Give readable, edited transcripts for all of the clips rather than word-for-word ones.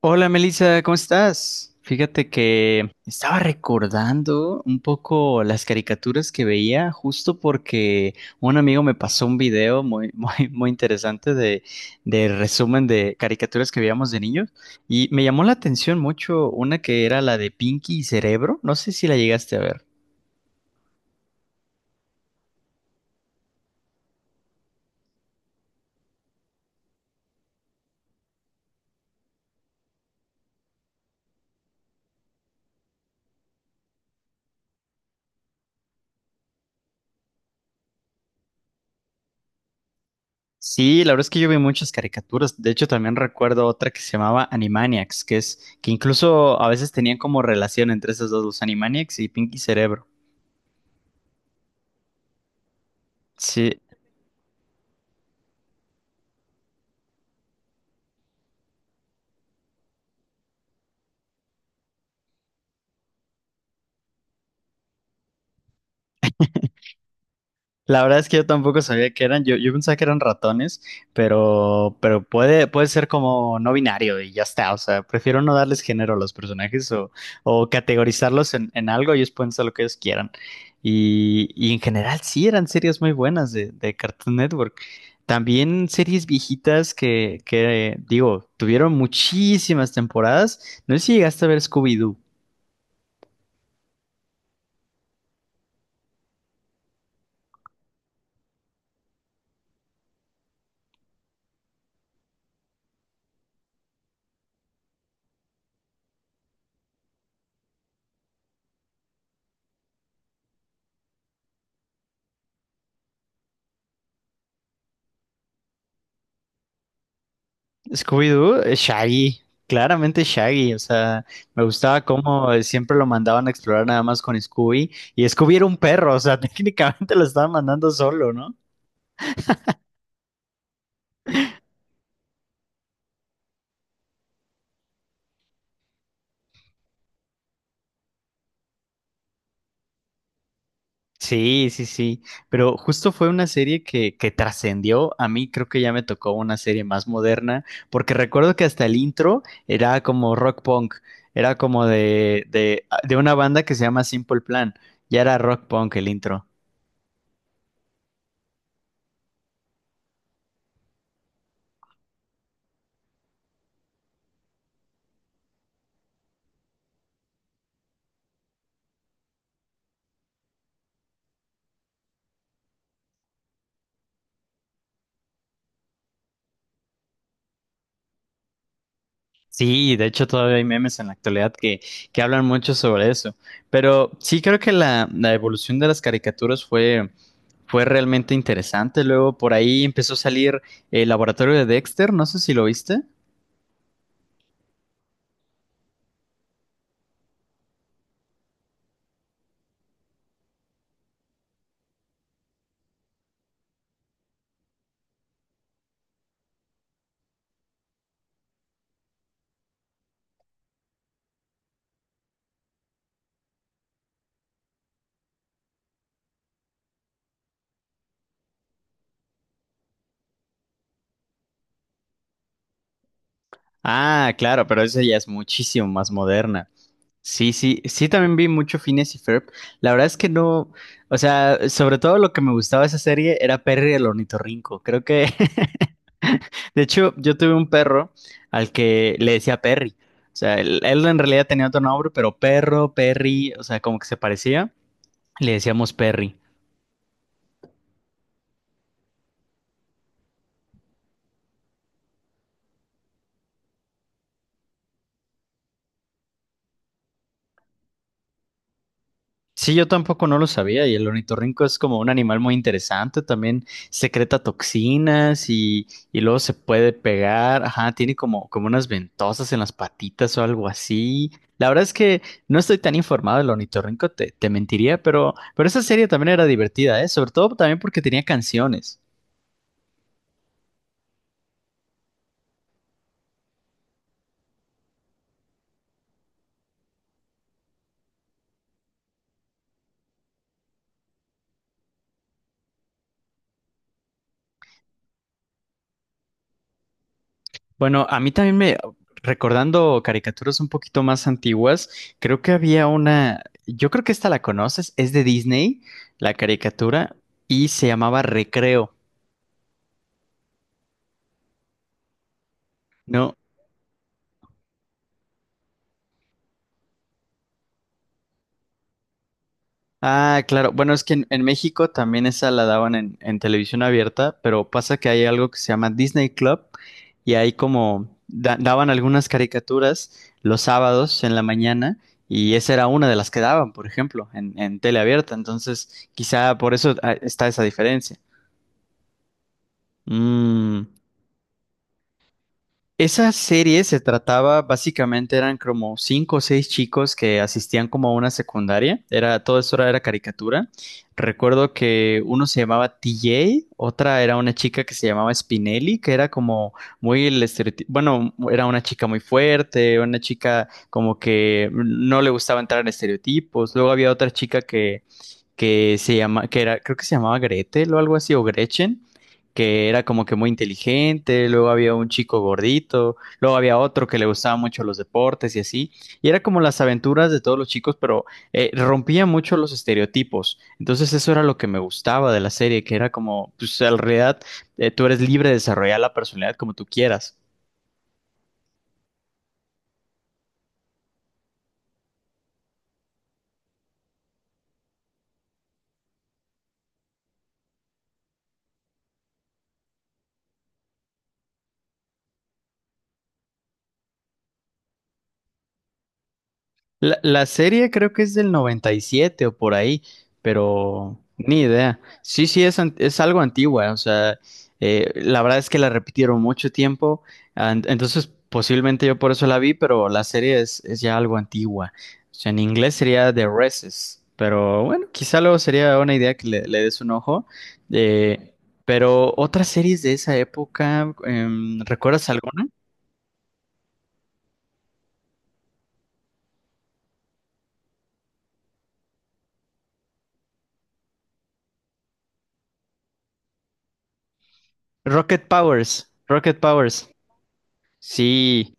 Hola Melissa, ¿cómo estás? Fíjate que estaba recordando un poco las caricaturas que veía justo porque un amigo me pasó un video muy, muy interesante de resumen de caricaturas que veíamos de niños y me llamó la atención mucho una que era la de Pinky y Cerebro, no sé si la llegaste a ver. Sí, la verdad es que yo vi muchas caricaturas. De hecho, también recuerdo otra que se llamaba Animaniacs, que es que incluso a veces tenían como relación entre esas dos, los Animaniacs y Pinky y Cerebro. Sí, la verdad es que yo tampoco sabía que eran, yo pensaba que eran ratones, pero puede, puede ser como no binario y ya está, o sea, prefiero no darles género a los personajes o, categorizarlos en algo, ellos pueden ser lo que ellos quieran. Y en general sí, eran series muy buenas de Cartoon Network. También series viejitas que, digo, tuvieron muchísimas temporadas. No sé si llegaste a ver Scooby-Doo. Scooby-Doo, Shaggy, claramente Shaggy, o sea, me gustaba cómo siempre lo mandaban a explorar nada más con Scooby, y Scooby era un perro, o sea, técnicamente lo estaban mandando solo, ¿no? Sí, sí, pero justo fue una serie que trascendió, a mí creo que ya me tocó una serie más moderna, porque recuerdo que hasta el intro era como rock punk, era como de una banda que se llama Simple Plan, ya era rock punk el intro. Sí, de hecho todavía hay memes en la actualidad que hablan mucho sobre eso. Pero sí creo que la evolución de las caricaturas fue, fue realmente interesante. Luego por ahí empezó a salir el laboratorio de Dexter, no sé si lo viste. Ah, claro, pero esa ya es muchísimo más moderna. Sí, sí, sí también vi mucho Phineas y Ferb. La verdad es que no, o sea, sobre todo lo que me gustaba de esa serie era Perry el ornitorrinco. Creo que de hecho, yo tuve un perro al que le decía Perry. O sea, él en realidad tenía otro nombre, pero perro, Perry, o sea, como que se parecía. Le decíamos Perry. Sí, yo tampoco no lo sabía y el ornitorrinco es como un animal muy interesante, también secreta toxinas y luego se puede pegar, ajá, tiene como, como unas ventosas en las patitas o algo así. La verdad es que no estoy tan informado del ornitorrinco, te mentiría, pero esa serie también era divertida, ¿eh? Sobre todo también porque tenía canciones. Bueno, a mí también me, recordando caricaturas un poquito más antiguas, creo que había una, yo creo que esta la conoces, es de Disney, la caricatura, y se llamaba Recreo, ¿no? Ah, claro. Bueno, es que en México también esa la daban en televisión abierta, pero pasa que hay algo que se llama Disney Club y ahí como daban algunas caricaturas los sábados en la mañana y esa era una de las que daban, por ejemplo, en tele abierta. Entonces, quizá por eso está esa diferencia. Mm. Esa serie se trataba, básicamente eran como cinco o seis chicos que asistían como a una secundaria. Era, todo eso era, era caricatura. Recuerdo que uno se llamaba TJ, otra era una chica que se llamaba Spinelli, que era como muy el estereotipo. Bueno, era una chica muy fuerte, una chica como que no le gustaba entrar en estereotipos. Luego había otra chica que que era, creo que se llamaba Gretel o algo así, o Gretchen, que era como que muy inteligente, luego había un chico gordito, luego había otro que le gustaba mucho los deportes y así, y era como las aventuras de todos los chicos, pero rompía mucho los estereotipos, entonces eso era lo que me gustaba de la serie, que era como, pues en realidad tú eres libre de desarrollar la personalidad como tú quieras. La serie creo que es del 97 o por ahí, pero ni idea. Sí, es, es algo antigua, o sea, la verdad es que la repitieron mucho tiempo, entonces posiblemente yo por eso la vi, pero la serie es ya algo antigua. O sea, en inglés sería The Races, pero bueno, quizá luego sería una idea que le des un ojo. Eh, pero otras series de esa época, ¿recuerdas alguna? Rocket Powers. Sí,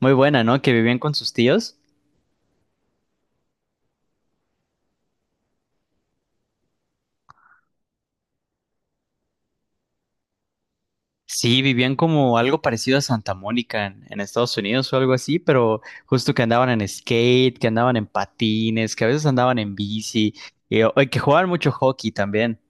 muy buena, ¿no? Que vivían con sus tíos. Sí, vivían como algo parecido a Santa Mónica en Estados Unidos o algo así, pero justo que andaban en skate, que andaban en patines, que a veces andaban en bici, y que jugaban mucho hockey también.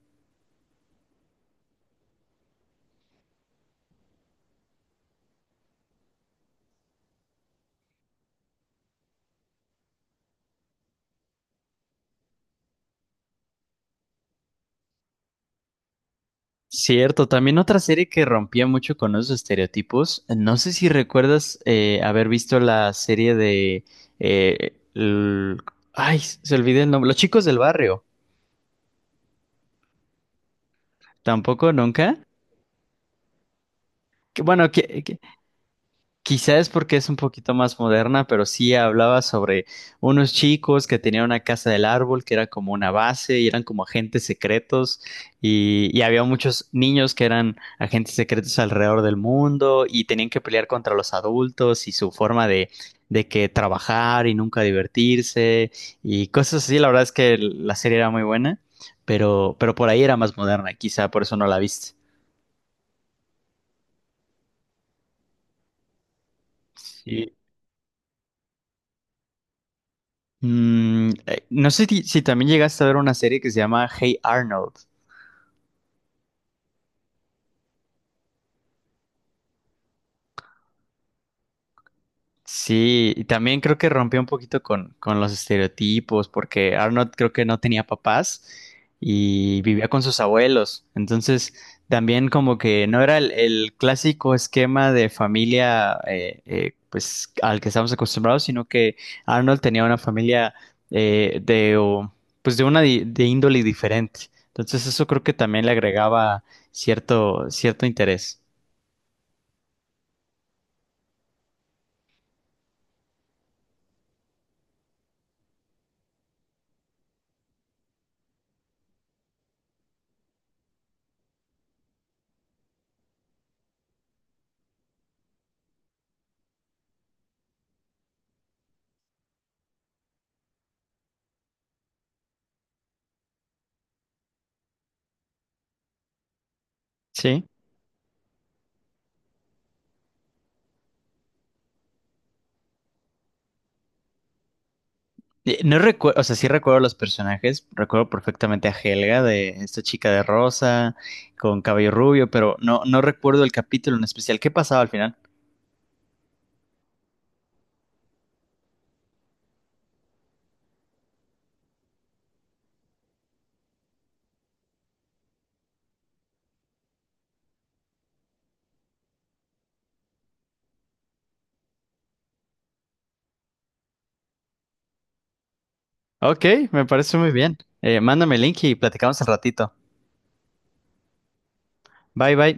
Cierto, también otra serie que rompía mucho con esos estereotipos. No sé si recuerdas haber visto la serie de... eh, el- Ay, se olvidé el nombre. Los chicos del barrio. Tampoco, nunca. Que, bueno, que- Quizás porque es un poquito más moderna, pero sí hablaba sobre unos chicos que tenían una casa del árbol que era como una base y eran como agentes secretos y había muchos niños que eran agentes secretos alrededor del mundo y tenían que pelear contra los adultos y su forma de que trabajar y nunca divertirse y cosas así. La verdad es que la serie era muy buena, pero por ahí era más moderna, quizá por eso no la viste. Sí. Mm, no sé si también llegaste a ver una serie que se llama Hey Arnold. Sí, y también creo que rompió un poquito con los estereotipos, porque Arnold creo que no tenía papás y vivía con sus abuelos. Entonces, también como que no era el clásico esquema de familia pues al que estamos acostumbrados, sino que Arnold tenía una familia eh, de o, pues de una de índole diferente. Entonces, eso creo que también le agregaba cierto interés. Sí. No recuerdo, o sea, sí recuerdo los personajes, recuerdo perfectamente a Helga de esta chica de rosa con cabello rubio, pero no, no recuerdo el capítulo en especial. ¿Qué pasaba al final? Ok, me parece muy bien. Mándame el link y platicamos al ratito. Bye bye.